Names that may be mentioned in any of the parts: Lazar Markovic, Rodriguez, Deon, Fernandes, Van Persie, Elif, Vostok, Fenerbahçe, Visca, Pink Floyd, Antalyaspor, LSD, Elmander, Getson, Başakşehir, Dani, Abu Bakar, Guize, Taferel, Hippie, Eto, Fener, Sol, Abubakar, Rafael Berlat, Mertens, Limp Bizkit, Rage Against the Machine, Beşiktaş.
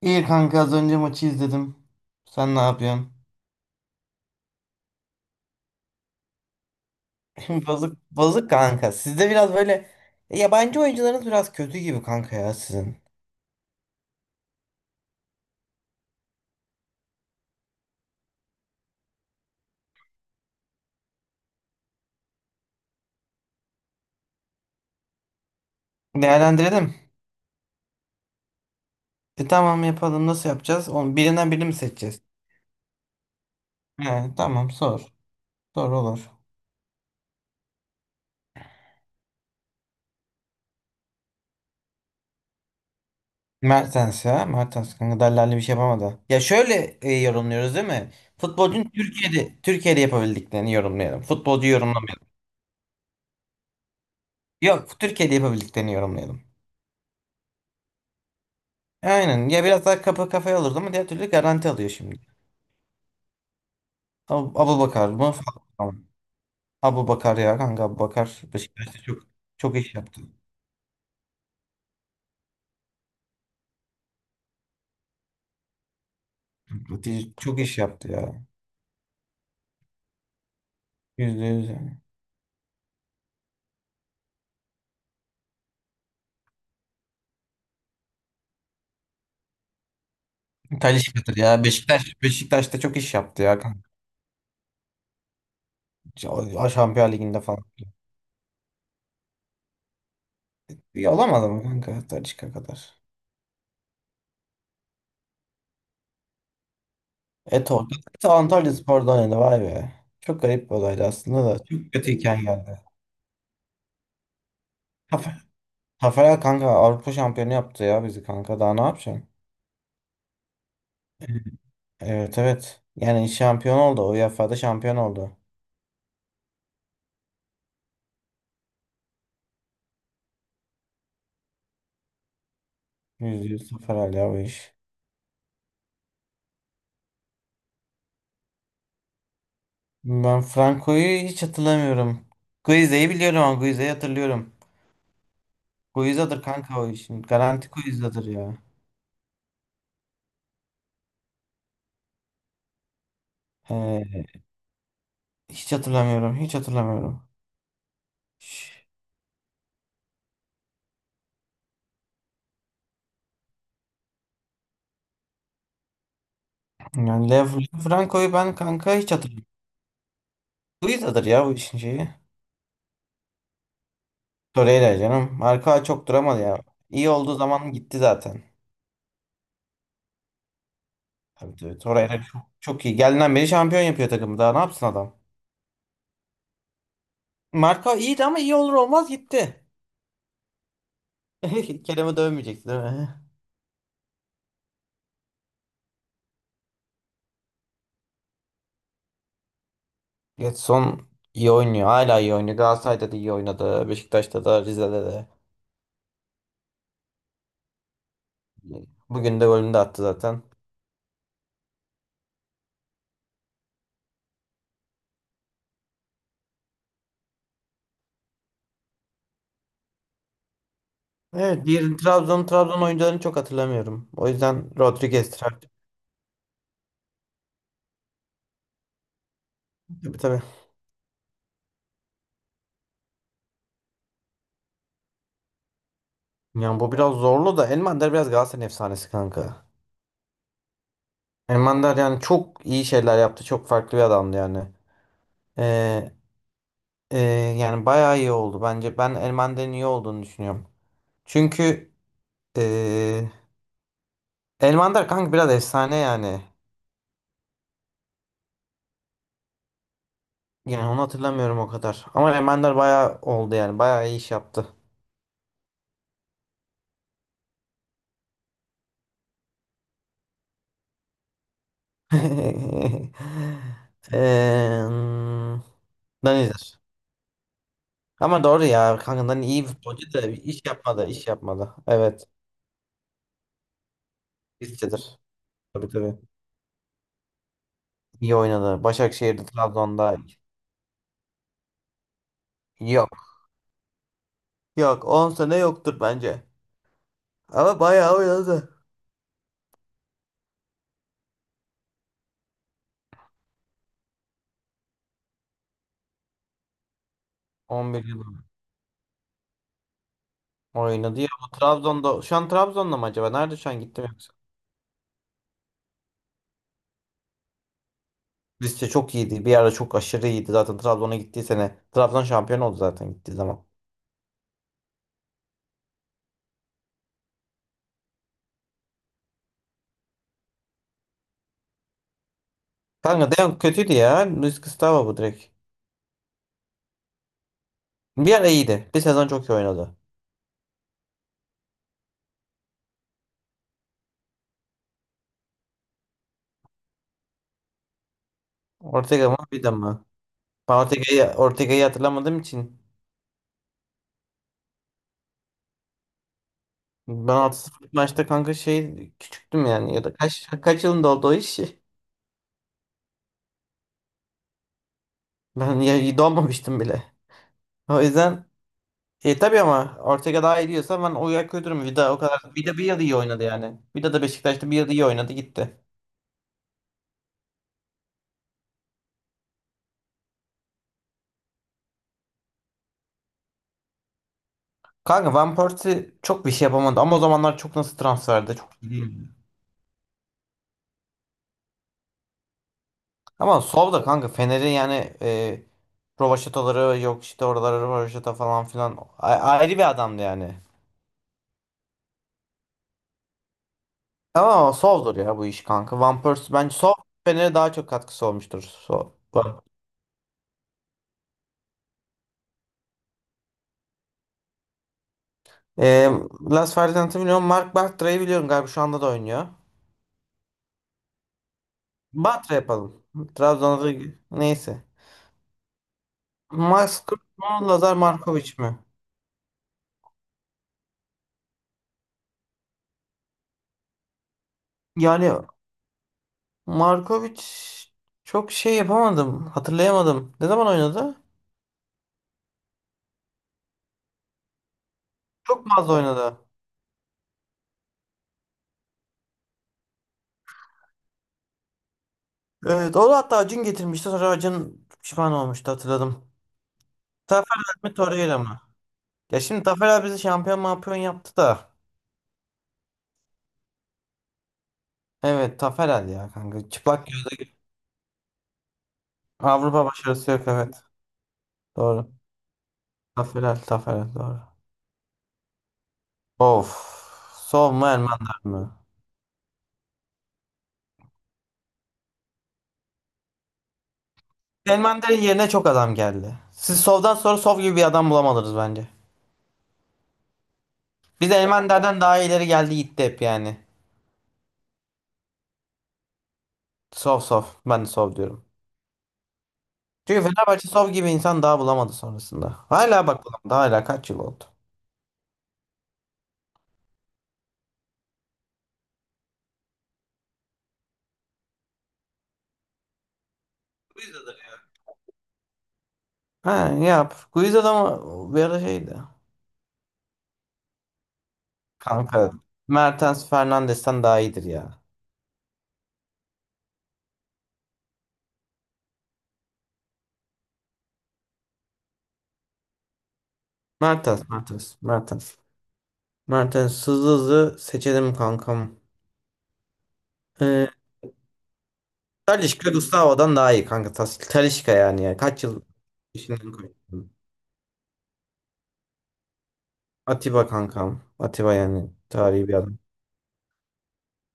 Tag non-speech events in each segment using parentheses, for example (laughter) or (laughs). İyi kanka az önce maçı izledim. Sen ne yapıyorsun? (laughs) Bozuk, bozuk kanka. Sizde biraz böyle. Yabancı oyuncularınız biraz kötü gibi kanka ya sizin. Değerlendirelim. Tamam, yapalım. Nasıl yapacağız? Onu, birinden birini mi seçeceğiz? He, tamam, sor. Sor, olur. Mertens ya. Mertens kanka Daller'le bir şey yapamadı. Ya şöyle, yorumluyoruz değil mi? Futbolcunun Türkiye'de yapabildiklerini yorumlayalım. Futbolcu yorumlamayalım. Yok, Türkiye'de yapabildiklerini yorumlayalım. Aynen. Ya biraz daha kapı kafaya olurdu ama diğer türlü garanti alıyor şimdi. Abubakar mı? Fatma mı? Abubakar ya kanka, Abubakar Beşiktaş'ta çok çok iş yaptı. Fatih çok iş yaptı ya. %100 yani. Talisca'dır ya. Beşiktaş'ta çok iş yaptı ya kanka. Şampiyon Ligi'nde falan. İyi olamadı mı kanka Talisca kadar? Eto. Eto Antalyaspor'da oynadı, vay be. Çok garip bir olaydı aslında da. Çok kötüyken geldi. Tafer. Taferel kanka Avrupa şampiyonu yaptı ya bizi kanka. Daha ne yapacaksın? Evet, evet. Yani şampiyon oldu. UEFA'da şampiyon oldu. %100 sıfır, hala o iş. Ben Franco'yu hiç hatırlamıyorum. Guize'yi biliyorum, ama Guize'yi hatırlıyorum. Guiza'dır kanka o işin. Garanti Guiza'dır ya. He, hiç hatırlamıyorum. Hiç hatırlamıyorum. Şş, Yani Franco'yu ben kanka hiç hatırlamıyorum. Guiza'dır ya bu işin şeyi. Torreira canım. Arka çok duramadı ya. İyi olduğu zaman gitti zaten. Tabii, tabii. Torreira çok, çok iyi. Geldiğinden beri şampiyon yapıyor takımı. Daha ne yapsın adam? Marka iyiydi, ama iyi olur olmaz gitti. (laughs) Kerem'e dövmeyecekti değil mi? Getson iyi oynuyor. Hala iyi oynuyor. Galatasaray'da da iyi oynadı. Beşiktaş'ta da, Rize'de de. Bugün de golünü de attı zaten. Evet, diğer Trabzon oyuncularını çok hatırlamıyorum. O yüzden Rodriguez Trabzon. Tabii, tabii. Yani bu biraz zorlu da, Elmander biraz Galatasaray efsanesi kanka. Elmander yani çok iyi şeyler yaptı. Çok farklı bir adamdı yani. Ee, e, Yani bayağı iyi oldu bence. Ben Elmander'in iyi olduğunu düşünüyorum. Çünkü ee, Elmander kanka biraz efsane yani. Yani onu hatırlamıyorum o kadar. Ama Remender bayağı oldu yani. Bayağı iyi iş yaptı. (laughs) Eee Danizer. Ama doğru ya. Kanka Dani iyi bir futbolcu da iş yapmadı. İş yapmadı. Evet. İşçidir. Tabii, tabii. İyi oynadı. Başakşehir'de, Trabzon'da. Yok. Yok. 10 sene yoktur bence. Ama bayağı oynadı. 11 yıl oynadı ya. Bu Trabzon'da. Şu an Trabzon'da mı acaba? Nerede şu an gittim? Rize çok iyiydi. Bir ara çok aşırı iyiydi. Zaten Trabzon'a gittiği sene. Trabzon şampiyon oldu zaten gittiği zaman. Kanka Deon kötüydü ya. Luis Gustavo bu, direkt. Bir ara iyiydi. Bir sezon çok iyi oynadı. Ortega mı bir de mi? Ben Ortega'yı hatırlamadığım için ben altı 0 maçta kanka şey küçüktüm yani, ya da kaç yılında oldu o iş? (laughs) Ben ya doğmamıştım bile. O yüzden tabii, ama Ortega daha iyi diyorsa ben o yer kötü mü? Vida o kadar Vida bir yıl iyi oynadı yani. Vida da Beşiktaş'ta bir yıl iyi oynadı, gitti. Kanka Van Persie çok bir şey yapamadı, ama o zamanlar çok nasıl transferde çok. Hmm. Ama Sol da kanka Fener'in yani, Rovaşatoları yok işte oraları, Rovaşata falan filan, ayrı bir adamdı yani. Ama Sol'dur ya bu iş kanka. Van Persie bence Sol Fener'e daha çok katkısı olmuştur. Sol. E, Las Ferdinand'ı biliyorum. Mark Bartra'yı biliyorum galiba, şu anda da oynuyor. Bartra yapalım. Trabzon'da, neyse. Max Kruse mu, Lazar Markovic mi? Yani Markovic çok şey yapamadım. Hatırlayamadım. Ne zaman oynadı? Çok fazla oynadı. Evet, o da hatta Acun getirmişti. Sonra Acun pişman olmuştu, hatırladım. Taferel mi, Torreira mı? Ya şimdi Taferel bizi şampiyon mampiyon yaptı da. Evet, Taferel ya kanka. Çıplak gözle Avrupa başarısı yok, evet. Doğru. Taferel, Taferel, doğru. Of. Sov mu, Elmander mi? Elmander'in yerine çok adam geldi. Siz Sov'dan sonra Sov gibi bir adam bulamadınız bence. Biz Elmander'den daha ileri geldi gitti hep yani. Sov, sov. Ben de sov diyorum. Çünkü Fenerbahçe sov gibi insan daha bulamadı sonrasında. Hala bak, bulamadı. Hala kaç yıl oldu. Guiza'dır ya. Ha, yap. Guiza da mı bir ara şeydi. Kanka. Mertens Fernandes'ten daha iyidir ya. Mertens, Mertens, Mertens. Mertens hızlı hızlı seçelim kankam. Ee, Talisca Gustavo'dan daha iyi kanka. Talisca yani. Kaç yıl işinden koydum. Atiba kankam. Atiba yani, tarihi bir adam.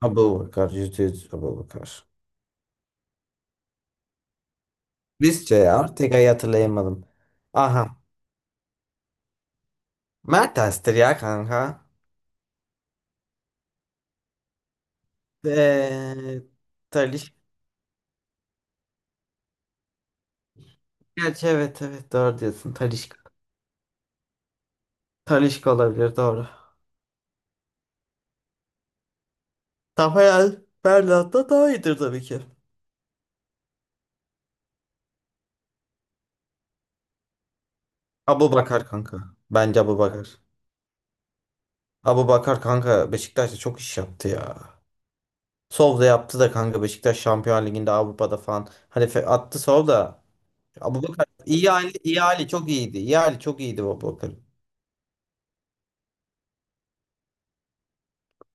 Abubakar, yüzde yüz Abubakar. Visca ya. Tek ayı hatırlayamadım. Aha. Mertens'tir ya kanka. Eee Taliş. Gerçi evet, evet, doğru diyorsun. Talişka. Talişka olabilir, doğru. Rafael Berlat da daha iyidir tabii ki. Abu Bakar kanka. Bence Abu Bakar. Abu Bakar kanka Beşiktaş'ta çok iş yaptı ya. Sol da yaptı da kanka, Beşiktaş Şampiyon Ligi'nde, Avrupa'da falan. Hani, attı sol da. Abu Bakar iyi hali çok iyiydi. İyi hali çok iyiydi Abu Bakar.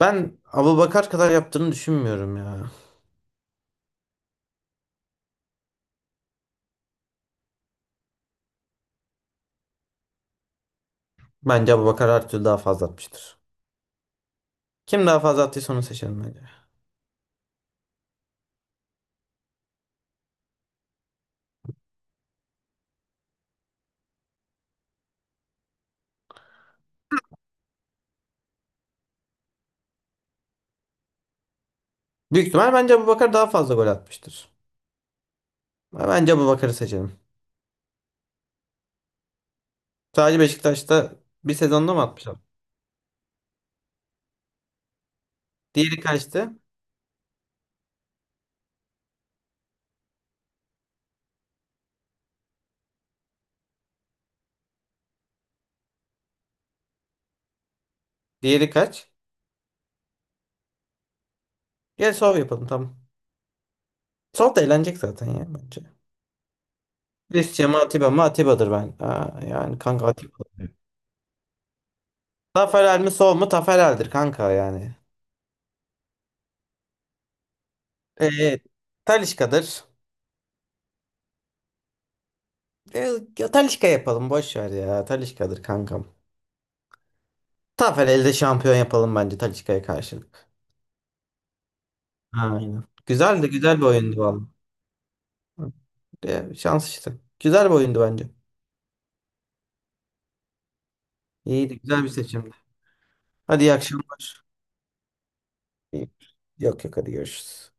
Ben Abubakar kadar yaptığını düşünmüyorum ya. Bence Abubakar her türlü daha fazla atmıştır. Kim daha fazla attıysa onu seçelim bence. Büyük ihtimal bence Abubakar daha fazla gol atmıştır. Ama bence Abubakar'ı seçelim. Sadece Beşiktaş'ta bir sezonda mı atmış abi? Diğeri kaçtı? Diğeri kaç? Gel sol yapalım, tamam. Sol da eğlenecek zaten ya, bence. Christian mı, Atiba mı? Atiba'dır ben. Aa, yani kanka Atiba. Taferel mi, sol mu? Taferel'dir kanka yani. Ee, Talisca'dır. E, Ya Talisca yapalım, boş ver ya. Talisca'dır kankam. Taferel'de şampiyon yapalım bence Talisca'ya karşılık. Aynen. Güzeldi, güzel bir oyundu valla. Şans işte. Güzel bir oyundu bence. İyiydi, güzel bir seçimdi. Hadi, iyi akşamlar. İyi. Yok, yok, hadi görüşürüz.